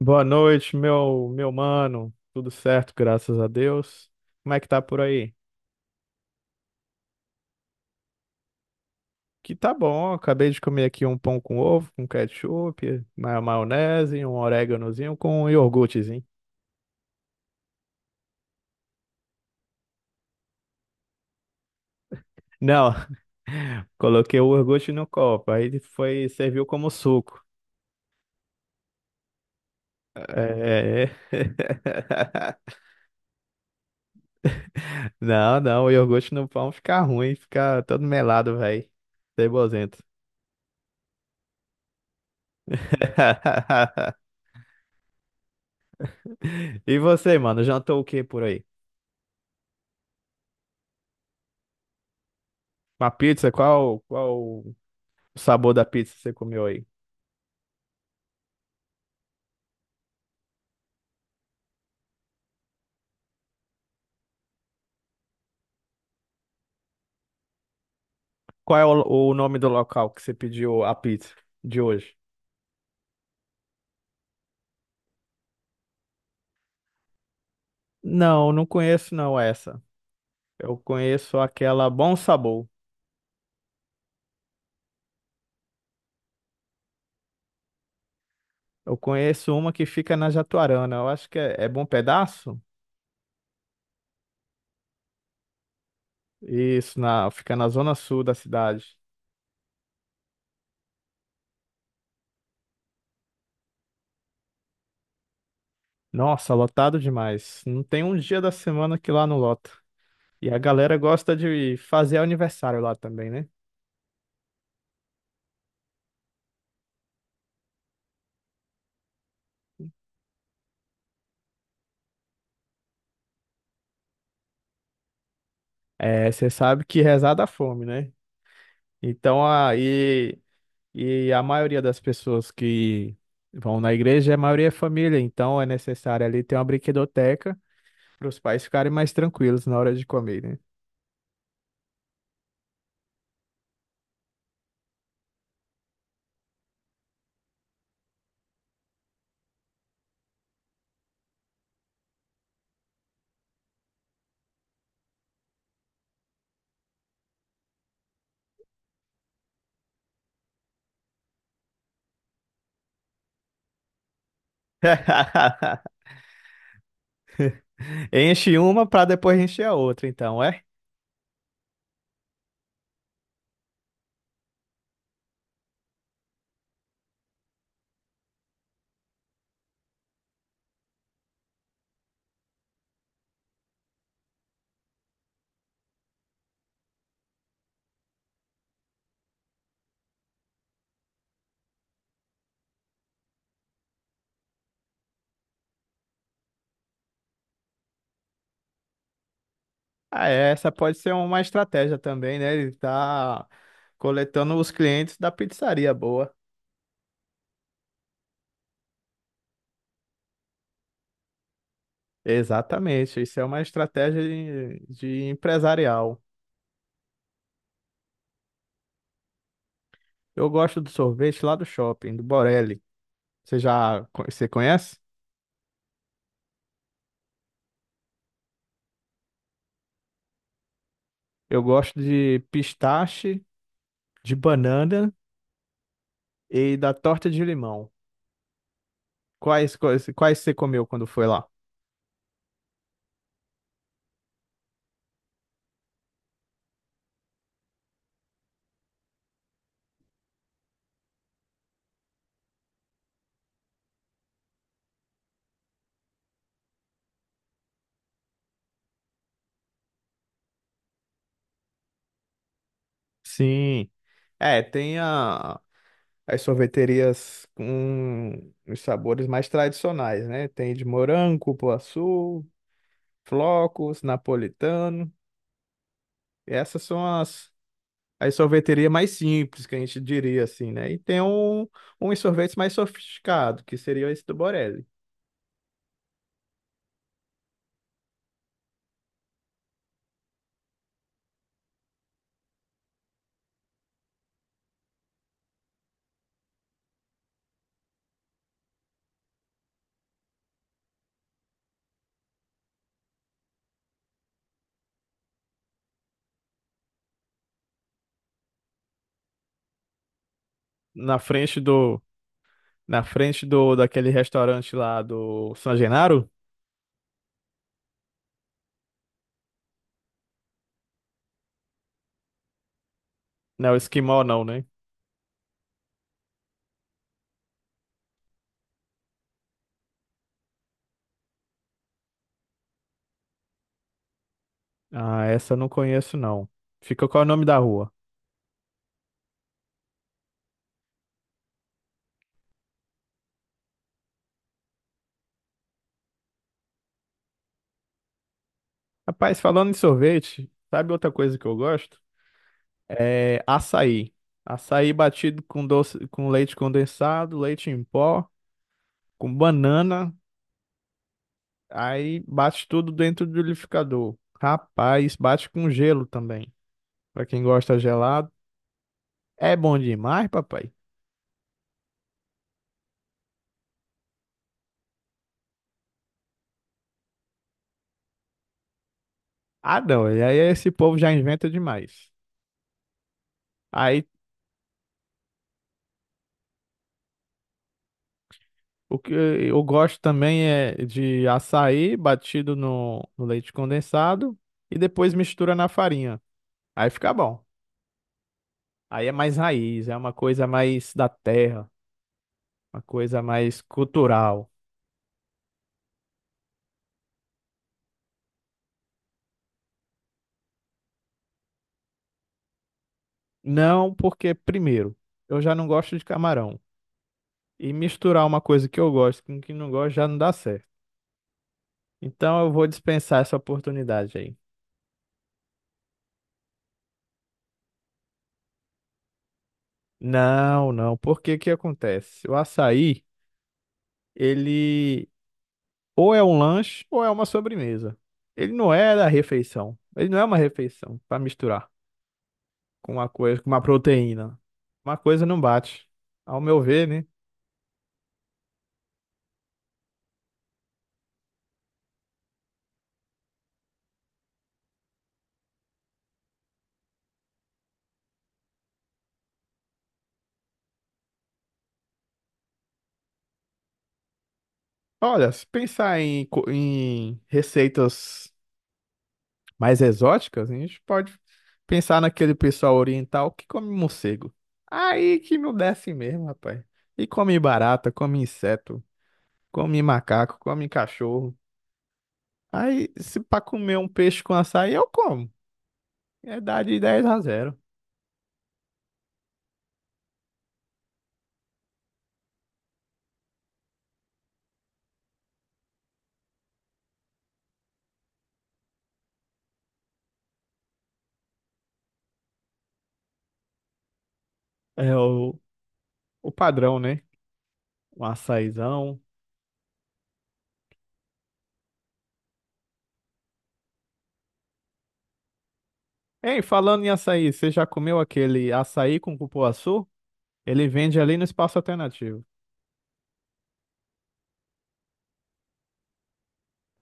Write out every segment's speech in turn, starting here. Boa noite, meu mano. Tudo certo, graças a Deus. Como é que tá por aí? Que tá bom, acabei de comer aqui um pão com ovo, com ketchup, maionese, um oréganozinho com um iogurtezinho. Não, coloquei o iogurte no copo, aí foi, serviu como suco. É. Não, não, o iogurte no pão fica ruim, fica todo melado, velho. Cebosento. E você, mano, jantou o que por aí? Uma pizza? Qual o sabor da pizza que você comeu aí? Qual é o nome do local que você pediu a pizza de hoje? Não, não conheço não essa. Eu conheço aquela Bom Sabor. Eu conheço uma que fica na Jatuarana. Eu acho que é Bom Pedaço? Isso, fica na zona sul da cidade. Nossa, lotado demais. Não tem um dia da semana que lá não lota. E a galera gosta de fazer aniversário lá também, né? É, você sabe que rezar dá fome, né? Então aí e a maioria das pessoas que vão na igreja, a maioria é família, então é necessário ali ter uma brinquedoteca para os pais ficarem mais tranquilos na hora de comer, né? Enche uma para depois encher a outra, então, é? Ah, é, essa pode ser uma estratégia também, né? Ele tá coletando os clientes da pizzaria boa. Exatamente, isso é uma estratégia de empresarial. Eu gosto do sorvete lá do shopping, do Borelli. Você já você conhece? Eu gosto de pistache, de banana e da torta de limão. Quais você comeu quando foi lá? Sim. É, as sorveterias com os sabores mais tradicionais, né? Tem de morango, cupuaçu, flocos, napolitano. Essas são as sorveterias mais simples, que a gente diria assim, né? E tem uns sorvetes mais sofisticados, que seria esse do Borelli. Na frente do, Na frente do daquele restaurante lá do San Genaro? Não, Esquimó não, né? Ah, essa eu não conheço não. Fica qual é o nome da rua? Rapaz, falando em sorvete, sabe outra coisa que eu gosto? É açaí. Açaí batido com doce, com leite condensado, leite em pó, com banana, aí bate tudo dentro do liquidificador. Rapaz, bate com gelo também. Pra quem gosta gelado, é bom demais, papai. Ah, não, e aí esse povo já inventa demais. Aí o que eu gosto também é de açaí batido no leite condensado e depois mistura na farinha. Aí fica bom. Aí é mais raiz, é uma coisa mais da terra, uma coisa mais cultural. Não, porque, primeiro, eu já não gosto de camarão. E misturar uma coisa que eu gosto com que não gosto já não dá certo. Então eu vou dispensar essa oportunidade aí. Não, não, porque o que acontece? O açaí, ele ou é um lanche ou é uma sobremesa. Ele não é da refeição. Ele não é uma refeição para misturar com uma coisa, com uma proteína. Uma coisa não bate. Ao meu ver, né? Olha, se pensar em receitas mais exóticas, a gente pode pensar naquele pessoal oriental que come morcego. Aí que não desce mesmo, rapaz. E come barata, come inseto, come macaco, come cachorro. Aí, se para comer um peixe com açaí, eu como. É dar de 10 a 0, é o padrão, né? Um açaizão. Ei, falando em açaí, você já comeu aquele açaí com cupuaçu? Ele vende ali no espaço alternativo.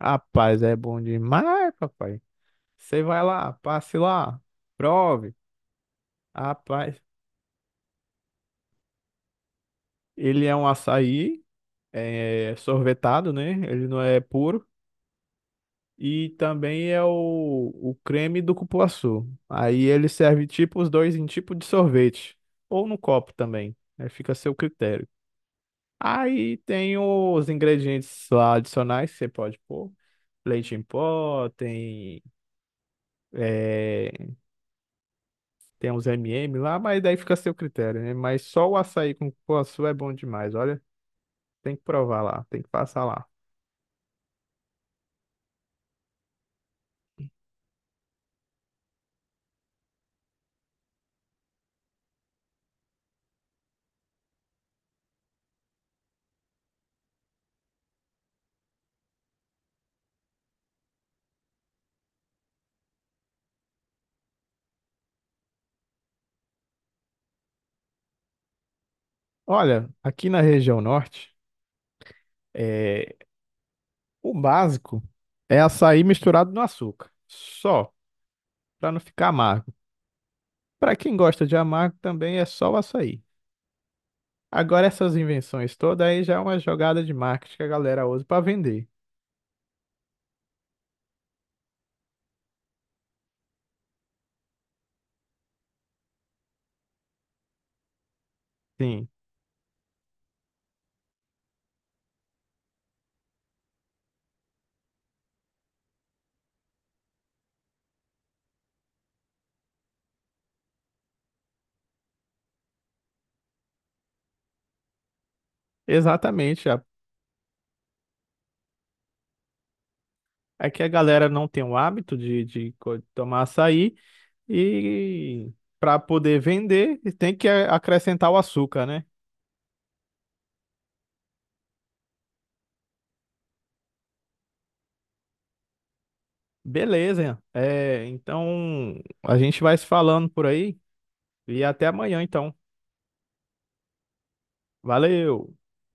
Rapaz, é bom demais, papai. Você vai lá, passe lá, prove. Rapaz, ele é um açaí é, sorvetado, né? Ele não é puro. E também é o creme do cupuaçu. Aí ele serve tipo os dois em tipo de sorvete, ou no copo também, né? Fica a seu critério. Aí tem os ingredientes lá adicionais que você pode pôr. Leite em pó, tem, eh, tem uns MM lá, mas daí fica a seu critério, né? Mas só o açaí com cupuaçu é bom demais, olha. Tem que provar lá, tem que passar lá. Olha, aqui na região norte, eh, o básico é açaí misturado no açúcar, só, para não ficar amargo. Para quem gosta de amargo também é só o açaí. Agora essas invenções todas aí já é uma jogada de marketing que a galera usa para vender. Sim, exatamente. É que a galera não tem o hábito de tomar açaí e para poder vender tem que acrescentar o açúcar, né? Beleza, é, então a gente vai se falando por aí e até amanhã então. Valeu!